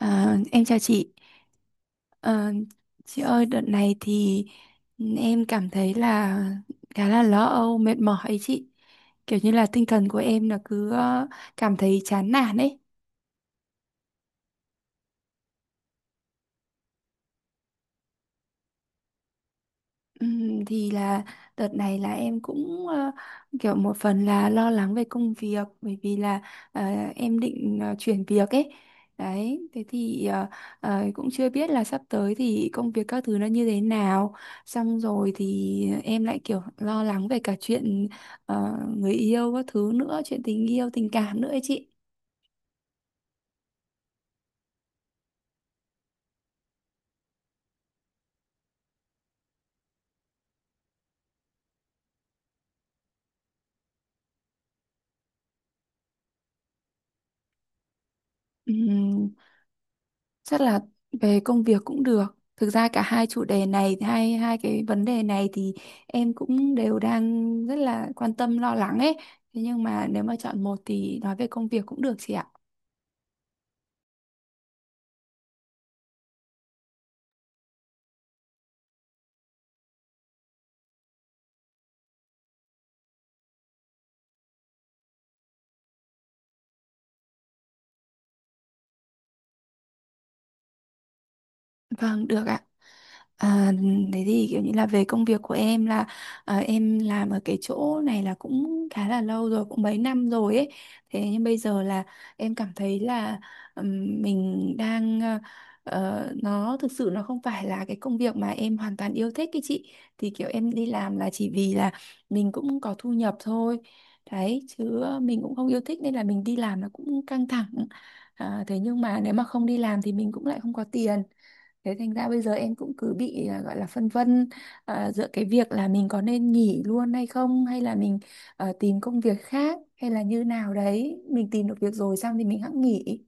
À, em chào chị. Ờ, chị ơi, đợt này thì em cảm thấy là khá là lo âu, mệt mỏi ấy chị. Kiểu như là tinh thần của em là cứ cảm thấy chán nản ấy. Thì là đợt này là em cũng kiểu một phần là lo lắng về công việc bởi vì là ờ, em định chuyển việc ấy. Đấy thế thì cũng chưa biết là sắp tới thì công việc các thứ nó như thế nào, xong rồi thì em lại kiểu lo lắng về cả chuyện người yêu các thứ nữa, chuyện tình yêu tình cảm nữa ấy chị. Ừm, chắc là về công việc cũng được. Thực ra cả hai chủ đề này, hai hai cái vấn đề này thì em cũng đều đang rất là quan tâm lo lắng ấy. Thế nhưng mà nếu mà chọn một thì nói về công việc cũng được chị ạ. Vâng, được ạ. À, thế thì kiểu như là về công việc của em là, à, em làm ở cái chỗ này là cũng khá là lâu rồi, cũng mấy năm rồi ấy. Thế nhưng bây giờ là em cảm thấy là, ừm, mình đang nó thực sự nó không phải là cái công việc mà em hoàn toàn yêu thích cái chị. Thì kiểu em đi làm là chỉ vì là mình cũng có thu nhập thôi. Đấy, chứ mình cũng không yêu thích nên là mình đi làm nó cũng căng thẳng. À, thế nhưng mà nếu mà không đi làm thì mình cũng lại không có tiền, thế thành ra bây giờ em cũng cứ bị à, gọi là phân vân, à, giữa cái việc là mình có nên nghỉ luôn hay không, hay là mình tìm công việc khác, hay là như nào đấy mình tìm được việc rồi xong thì mình hẵng nghỉ.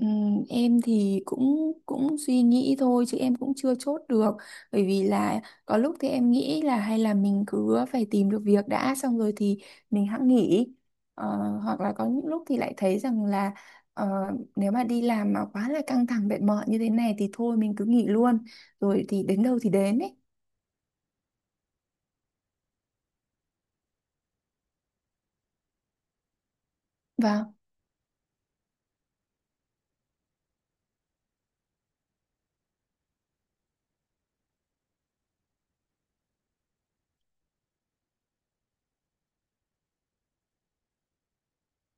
Em thì cũng cũng suy nghĩ thôi chứ em cũng chưa chốt được, bởi vì là có lúc thì em nghĩ là hay là mình cứ phải tìm được việc đã xong rồi thì mình hẵng nghỉ. Ờ, hoặc là có những lúc thì lại thấy rằng là, ờ, nếu mà đi làm mà quá là căng thẳng mệt mỏi như thế này thì thôi mình cứ nghỉ luôn, rồi thì đến đâu thì đến ấy. Vâng.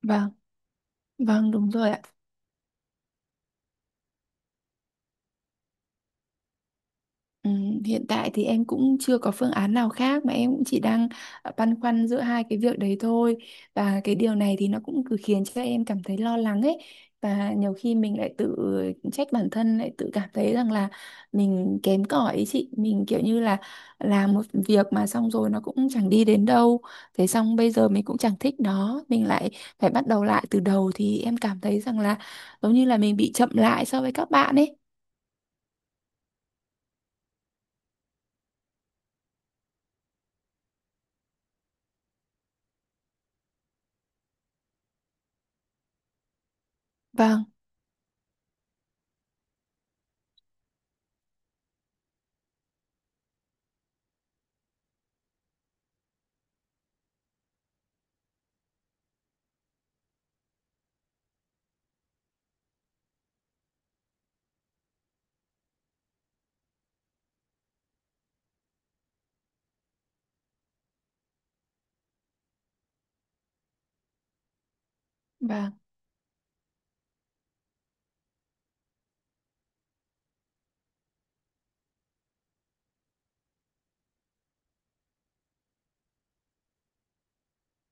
Vâng, vâng đúng rồi ạ. Ừ, hiện tại thì em cũng chưa có phương án nào khác, mà em cũng chỉ đang băn khoăn giữa hai cái việc đấy thôi, và cái điều này thì nó cũng cứ khiến cho em cảm thấy lo lắng ấy. Và nhiều khi mình lại tự trách bản thân, lại tự cảm thấy rằng là mình kém cỏi ấy chị, mình kiểu như là làm một việc mà xong rồi nó cũng chẳng đi đến đâu, thế xong bây giờ mình cũng chẳng thích nó, mình lại phải bắt đầu lại từ đầu, thì em cảm thấy rằng là giống như là mình bị chậm lại so với các bạn ấy. Vâng vâng.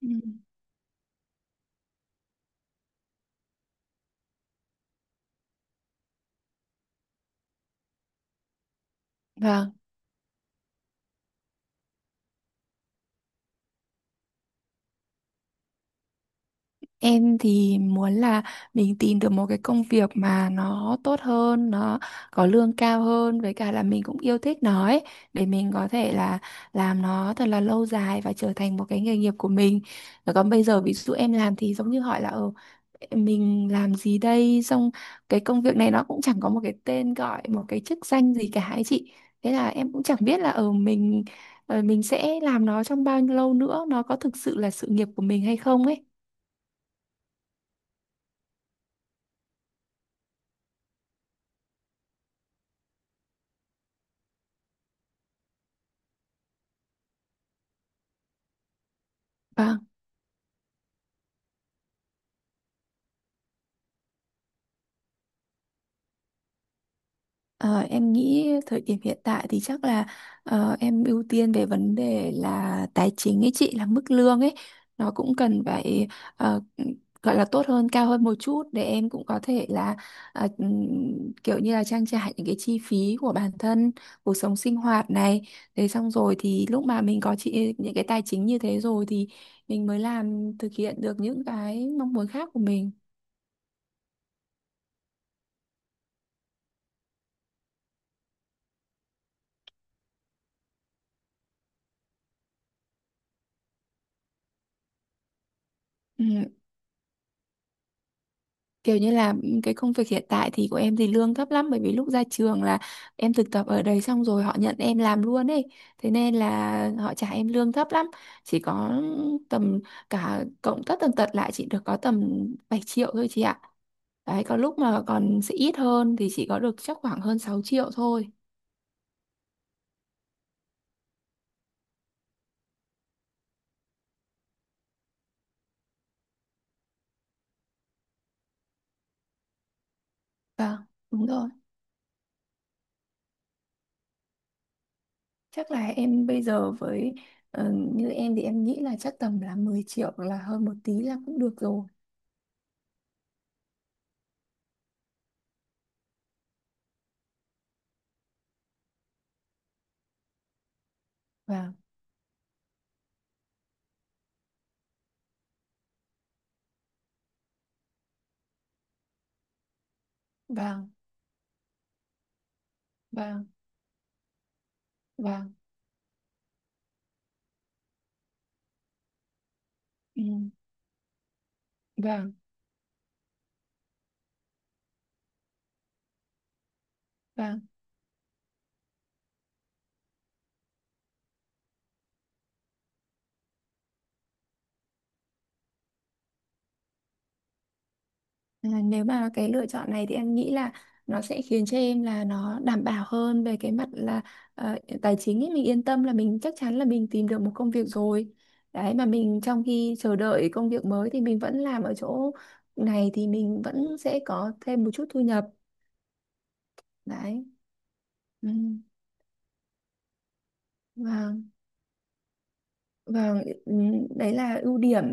Ừ. Vâng. Em thì muốn là mình tìm được một cái công việc mà nó tốt hơn, nó có lương cao hơn, với cả là mình cũng yêu thích nó ấy, để mình có thể là làm nó thật là lâu dài và trở thành một cái nghề nghiệp của mình. Rồi. Còn bây giờ ví dụ em làm thì giống như hỏi là mình làm gì đây, xong cái công việc này nó cũng chẳng có một cái tên gọi, một cái chức danh gì cả ấy chị. Thế là em cũng chẳng biết là ờ mình mình sẽ làm nó trong bao nhiêu lâu nữa, nó có thực sự là sự nghiệp của mình hay không ấy. Vâng. Ờ, em nghĩ thời điểm hiện tại thì chắc là em ưu tiên về vấn đề là tài chính ấy chị, là mức lương ấy nó cũng cần phải ờ, gọi là tốt hơn, cao hơn một chút để em cũng có thể là, kiểu như là trang trải những cái chi phí của bản thân, cuộc sống sinh hoạt này, thế xong rồi thì lúc mà mình có chị những cái tài chính như thế rồi thì mình mới làm thực hiện được những cái mong muốn khác của mình. Ừ, kiểu như là, cái công việc hiện tại thì của em thì lương thấp lắm, bởi vì lúc ra trường là em thực tập ở đấy xong rồi họ nhận em làm luôn ấy, thế nên là họ trả em lương thấp lắm, chỉ có tầm, cả cộng tất tần tật lại chỉ được có tầm 7 triệu thôi chị ạ. Đấy có lúc mà còn sẽ ít hơn thì chỉ có được chắc khoảng hơn 6 triệu thôi. Vâng, đúng rồi. Chắc là em bây giờ với, như em thì em nghĩ là chắc tầm là 10 triệu hoặc là hơn một tí là cũng được rồi. Vâng. Vâng. Vâng. Vâng. Ừ, vâng. Vâng. À, nếu mà cái lựa chọn này thì em nghĩ là nó sẽ khiến cho em là nó đảm bảo hơn về cái mặt là ờ, tài chính ấy, mình yên tâm là mình chắc chắn là mình tìm được một công việc rồi. Đấy, mà mình trong khi chờ đợi công việc mới thì mình vẫn làm ở chỗ này, thì mình vẫn sẽ có thêm một chút thu nhập. Đấy. ừ, vâng. Vâng, đấy là ưu điểm,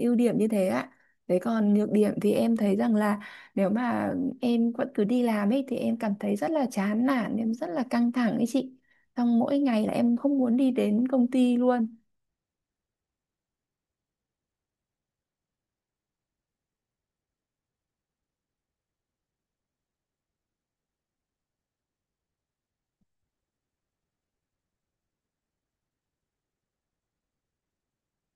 ưu điểm như thế ạ. Đấy còn nhược điểm thì em thấy rằng là nếu mà em vẫn cứ đi làm ấy thì em cảm thấy rất là chán nản, em rất là căng thẳng ấy chị. Xong mỗi ngày là em không muốn đi đến công ty luôn.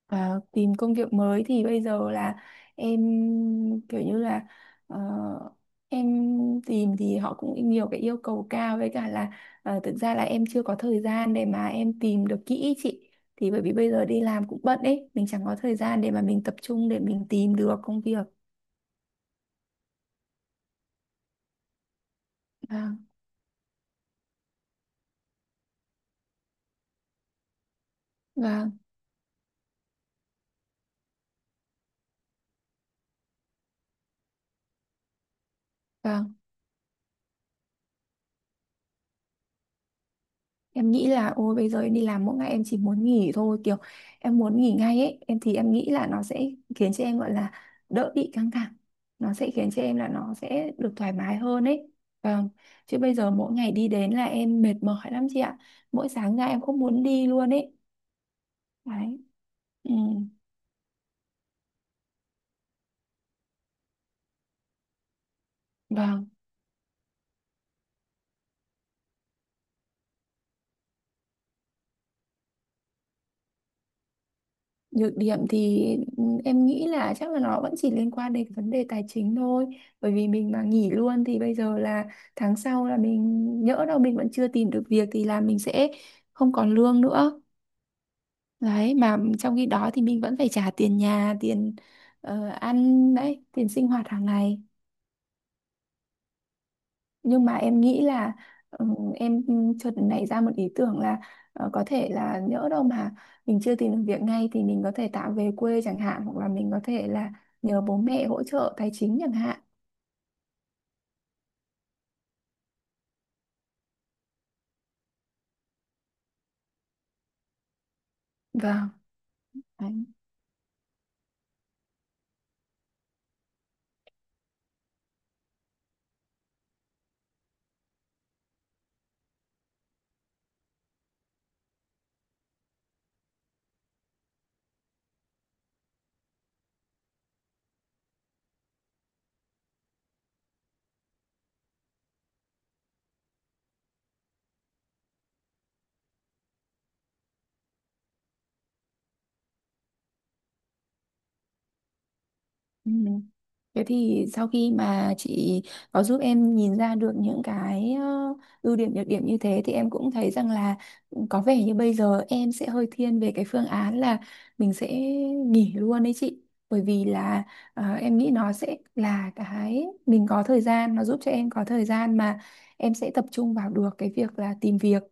À, tìm công việc mới thì bây giờ là em kiểu như là, ờ, em tìm thì họ cũng nhiều cái yêu cầu cao, với cả là thực ra là em chưa có thời gian để mà em tìm được kỹ ý chị, thì bởi vì bây giờ đi làm cũng bận ấy, mình chẳng có thời gian để mà mình tập trung để mình tìm được công việc. Vâng. Vâng. Vâng. Em nghĩ là ôi bây giờ em đi làm mỗi ngày em chỉ muốn nghỉ thôi, kiểu em muốn nghỉ ngay ấy, em thì em nghĩ là nó sẽ khiến cho em gọi là đỡ bị căng thẳng, nó sẽ khiến cho em là nó sẽ được thoải mái hơn ấy. Vâng. Chứ bây giờ mỗi ngày đi đến là em mệt mỏi lắm chị ạ, mỗi sáng ra em không muốn đi luôn ấy. Đấy. Ừ. Vâng. Nhược điểm thì, em nghĩ là chắc là nó vẫn chỉ liên quan đến vấn đề tài chính thôi. Bởi vì mình mà nghỉ luôn thì bây giờ là tháng sau là mình, nhỡ đâu mình vẫn chưa tìm được việc thì là mình sẽ không còn lương nữa. Đấy, mà trong khi đó thì mình vẫn phải trả tiền nhà, tiền ăn đấy, tiền sinh hoạt hàng ngày. Nhưng mà em nghĩ là, em chợt nảy ra một ý tưởng là có thể là nhỡ đâu mà mình chưa tìm được việc ngay thì mình có thể tạm về quê chẳng hạn, hoặc là mình có thể là nhờ bố mẹ hỗ trợ tài chính chẳng hạn. Vâng. Đấy. Ừ. Thế thì sau khi mà chị có giúp em nhìn ra được những cái ưu điểm nhược điểm như thế thì em cũng thấy rằng là có vẻ như bây giờ em sẽ hơi thiên về cái phương án là mình sẽ nghỉ luôn đấy chị. Bởi vì là em nghĩ nó sẽ là cái mình có thời gian, nó giúp cho em có thời gian mà em sẽ tập trung vào được cái việc là tìm việc.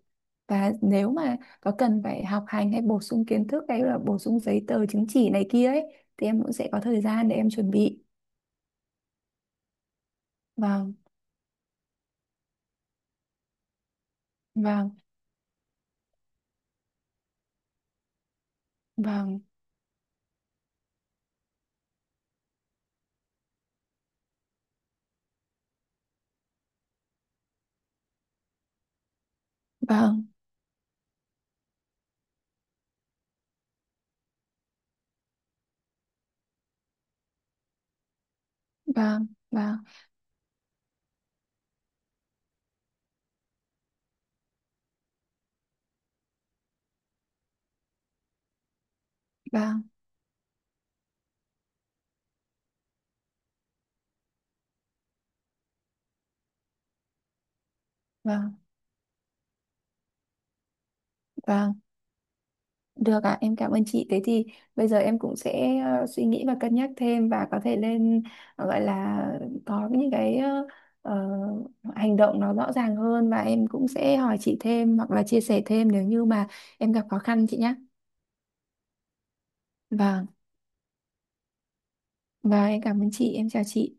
Và nếu mà có cần phải học hành hay bổ sung kiến thức hay là bổ sung giấy tờ chứng chỉ này kia ấy thì em cũng sẽ có thời gian để em chuẩn bị. Vâng. Vâng. Vâng. Vâng. Vâng. Vâng. Vâng. Vâng. Vâng, được ạ, em cảm ơn chị. Thế thì bây giờ em cũng sẽ suy nghĩ và cân nhắc thêm, và có thể lên, gọi là có những cái ờ, hành động nó rõ ràng hơn, và em cũng sẽ hỏi chị thêm hoặc là chia sẻ thêm nếu như mà em gặp khó khăn chị nhé. Vâng. Và em cảm ơn chị, em chào chị.